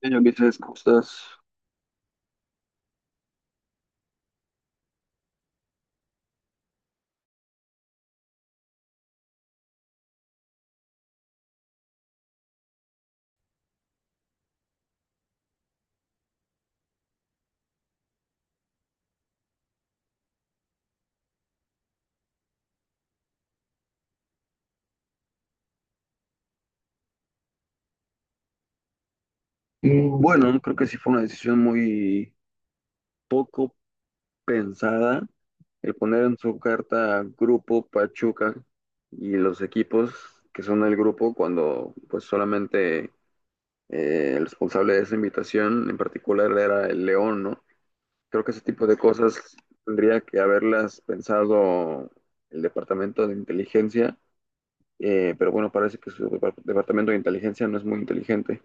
Señor Ulises, ¿cómo estás? Bueno, creo que sí fue una decisión muy poco pensada el poner en su carta Grupo Pachuca y los equipos que son del grupo cuando pues solamente el responsable de esa invitación en particular era el León, ¿no? Creo que ese tipo de cosas tendría que haberlas pensado el Departamento de Inteligencia, pero bueno, parece que Departamento de Inteligencia no es muy inteligente.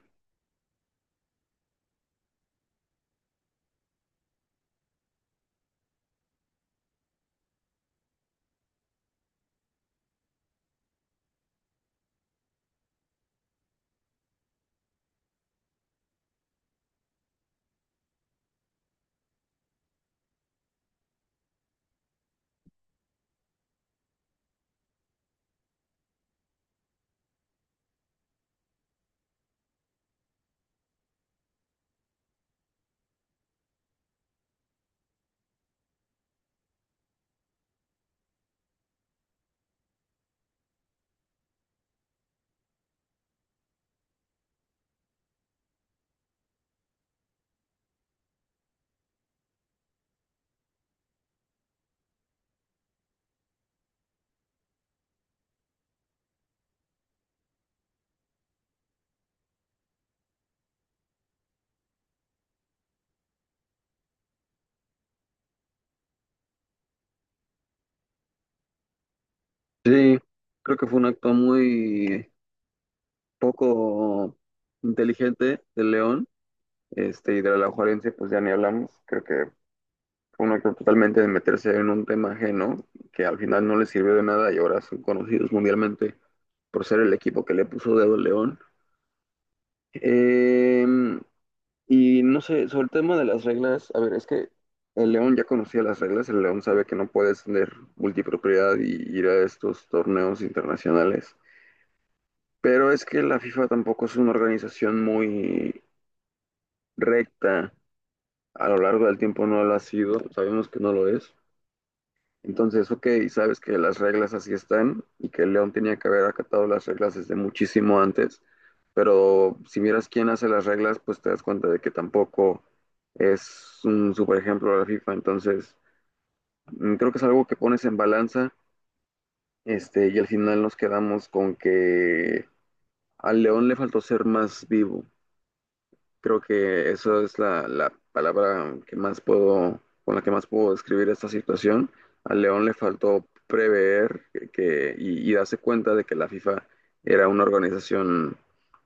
Sí, creo que fue un acto muy poco inteligente del León, este, y de la Juarense, pues ya ni hablamos. Creo que fue un acto totalmente de meterse en un tema ajeno, que al final no les sirvió de nada y ahora son conocidos mundialmente por ser el equipo que le puso dedo al León. Eh, y no sé, sobre el tema de las reglas, a ver, es que el León ya conocía las reglas, el León sabe que no puedes tener multipropiedad y ir a estos torneos internacionales. Pero es que la FIFA tampoco es una organización muy recta. A lo largo del tiempo no lo ha sido. Sabemos que no lo es. Entonces, ok, sabes que las reglas así están y que León tenía que haber acatado las reglas desde muchísimo antes. Pero si miras quién hace las reglas, pues te das cuenta de que tampoco es un super ejemplo de la FIFA. Entonces, creo que es algo que pones en balanza. Este, y al final nos quedamos con que al León le faltó ser más vivo. Creo que esa es la palabra que más puedo, con la que más puedo describir esta situación. Al León le faltó prever y darse cuenta de que la FIFA era una organización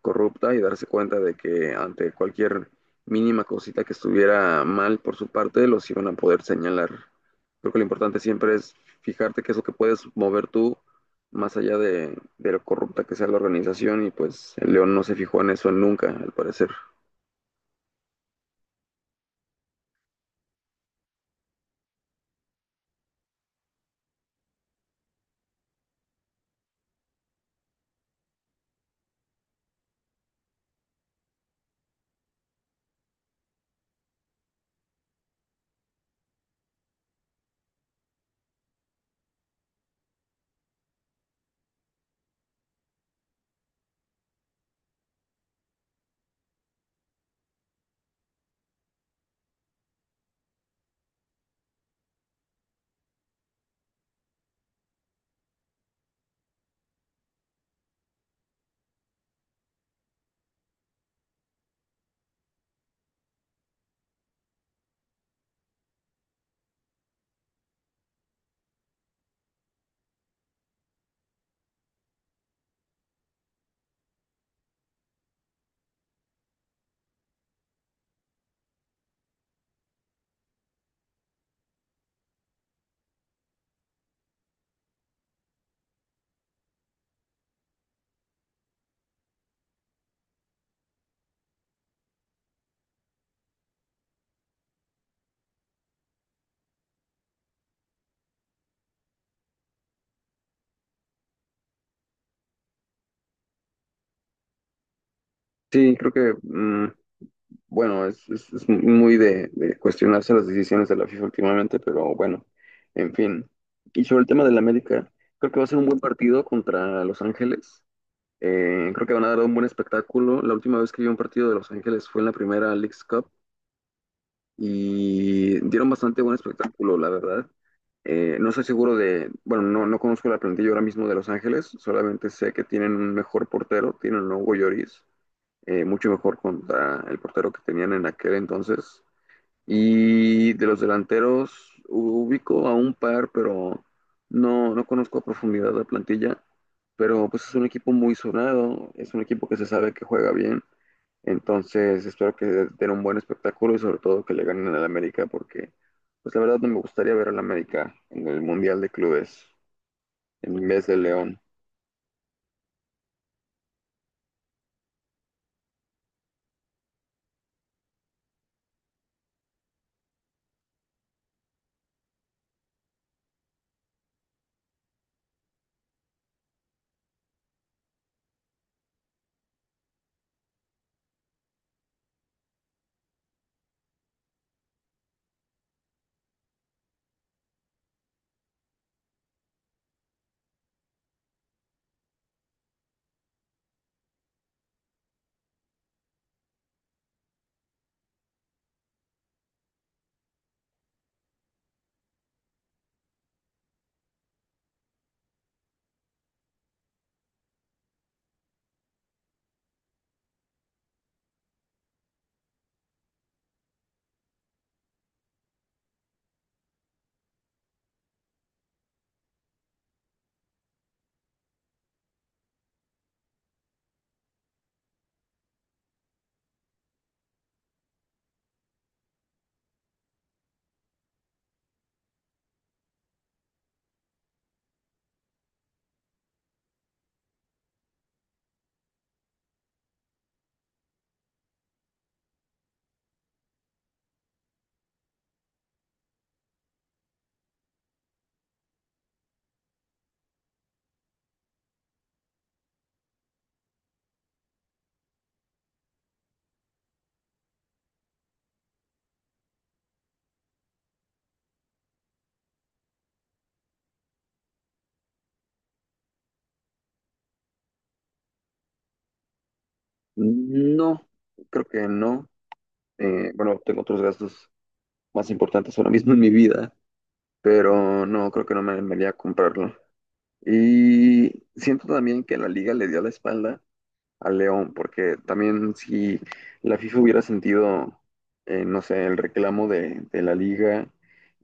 corrupta y darse cuenta de que ante cualquier mínima cosita que estuviera mal por su parte, los iban a poder señalar. Creo que lo importante siempre es fijarte qué es lo que puedes mover tú más allá de lo corrupta que sea la organización y pues el León no se fijó en eso nunca, al parecer. Sí, creo que, bueno, es muy de cuestionarse las decisiones de la FIFA últimamente, pero bueno, en fin. Y sobre el tema del América, creo que va a ser un buen partido contra Los Ángeles. Creo que van a dar un buen espectáculo. La última vez que vi un partido de Los Ángeles fue en la primera Leagues Cup y dieron bastante buen espectáculo, la verdad. No estoy seguro de, bueno, no, no conozco la plantilla ahora mismo de Los Ángeles, solamente sé que tienen un mejor portero, tienen a Hugo Lloris mucho mejor contra el portero que tenían en aquel entonces. Y de los delanteros ubico a un par, pero no, no conozco a profundidad la plantilla. Pero pues es un equipo muy sonado, es un equipo que se sabe que juega bien. Entonces espero que den un buen espectáculo y sobre todo que le ganen al América porque pues la verdad no me gustaría ver al América en el Mundial de Clubes en vez de León. No, creo que no. Bueno, tengo otros gastos más importantes ahora mismo en mi vida, pero no, creo que no me animaría a comprarlo. Y siento también que la liga le dio la espalda al León, porque también si la FIFA hubiera sentido, no sé, el reclamo de la liga,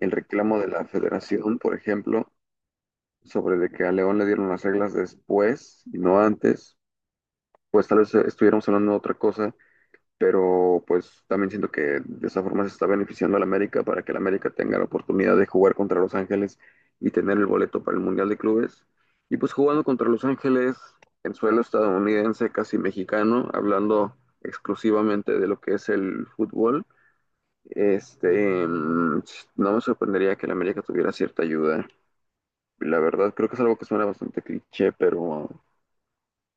el reclamo de la federación, por ejemplo, sobre de que a León le dieron las reglas después y no antes, pues tal vez estuviéramos hablando de otra cosa pero pues también siento que de esa forma se está beneficiando a la América para que la América tenga la oportunidad de jugar contra Los Ángeles y tener el boleto para el Mundial de Clubes. Y pues jugando contra Los Ángeles en suelo estadounidense, casi mexicano, hablando exclusivamente de lo que es el fútbol, este, mm, no me sorprendería que la América tuviera cierta ayuda. La verdad, creo que es algo que suena bastante cliché, pero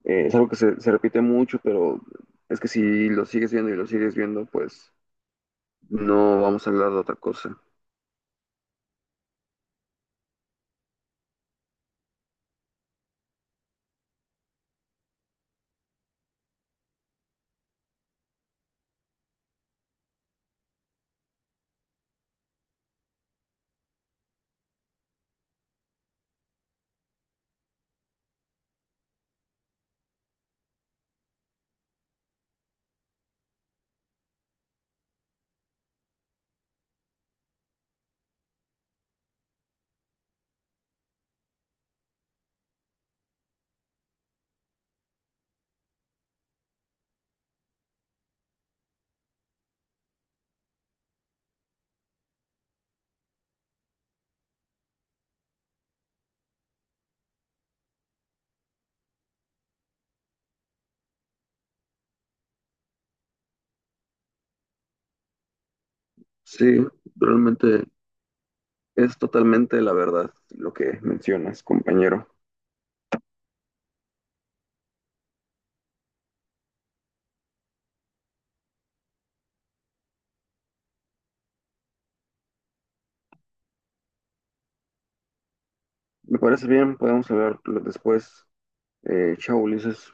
es algo que se repite mucho, pero es que si lo sigues viendo y lo sigues viendo, pues no vamos a hablar de otra cosa. Sí, realmente es totalmente la verdad lo que mencionas, compañero. Me parece bien, podemos hablar después. Chao, Ulises.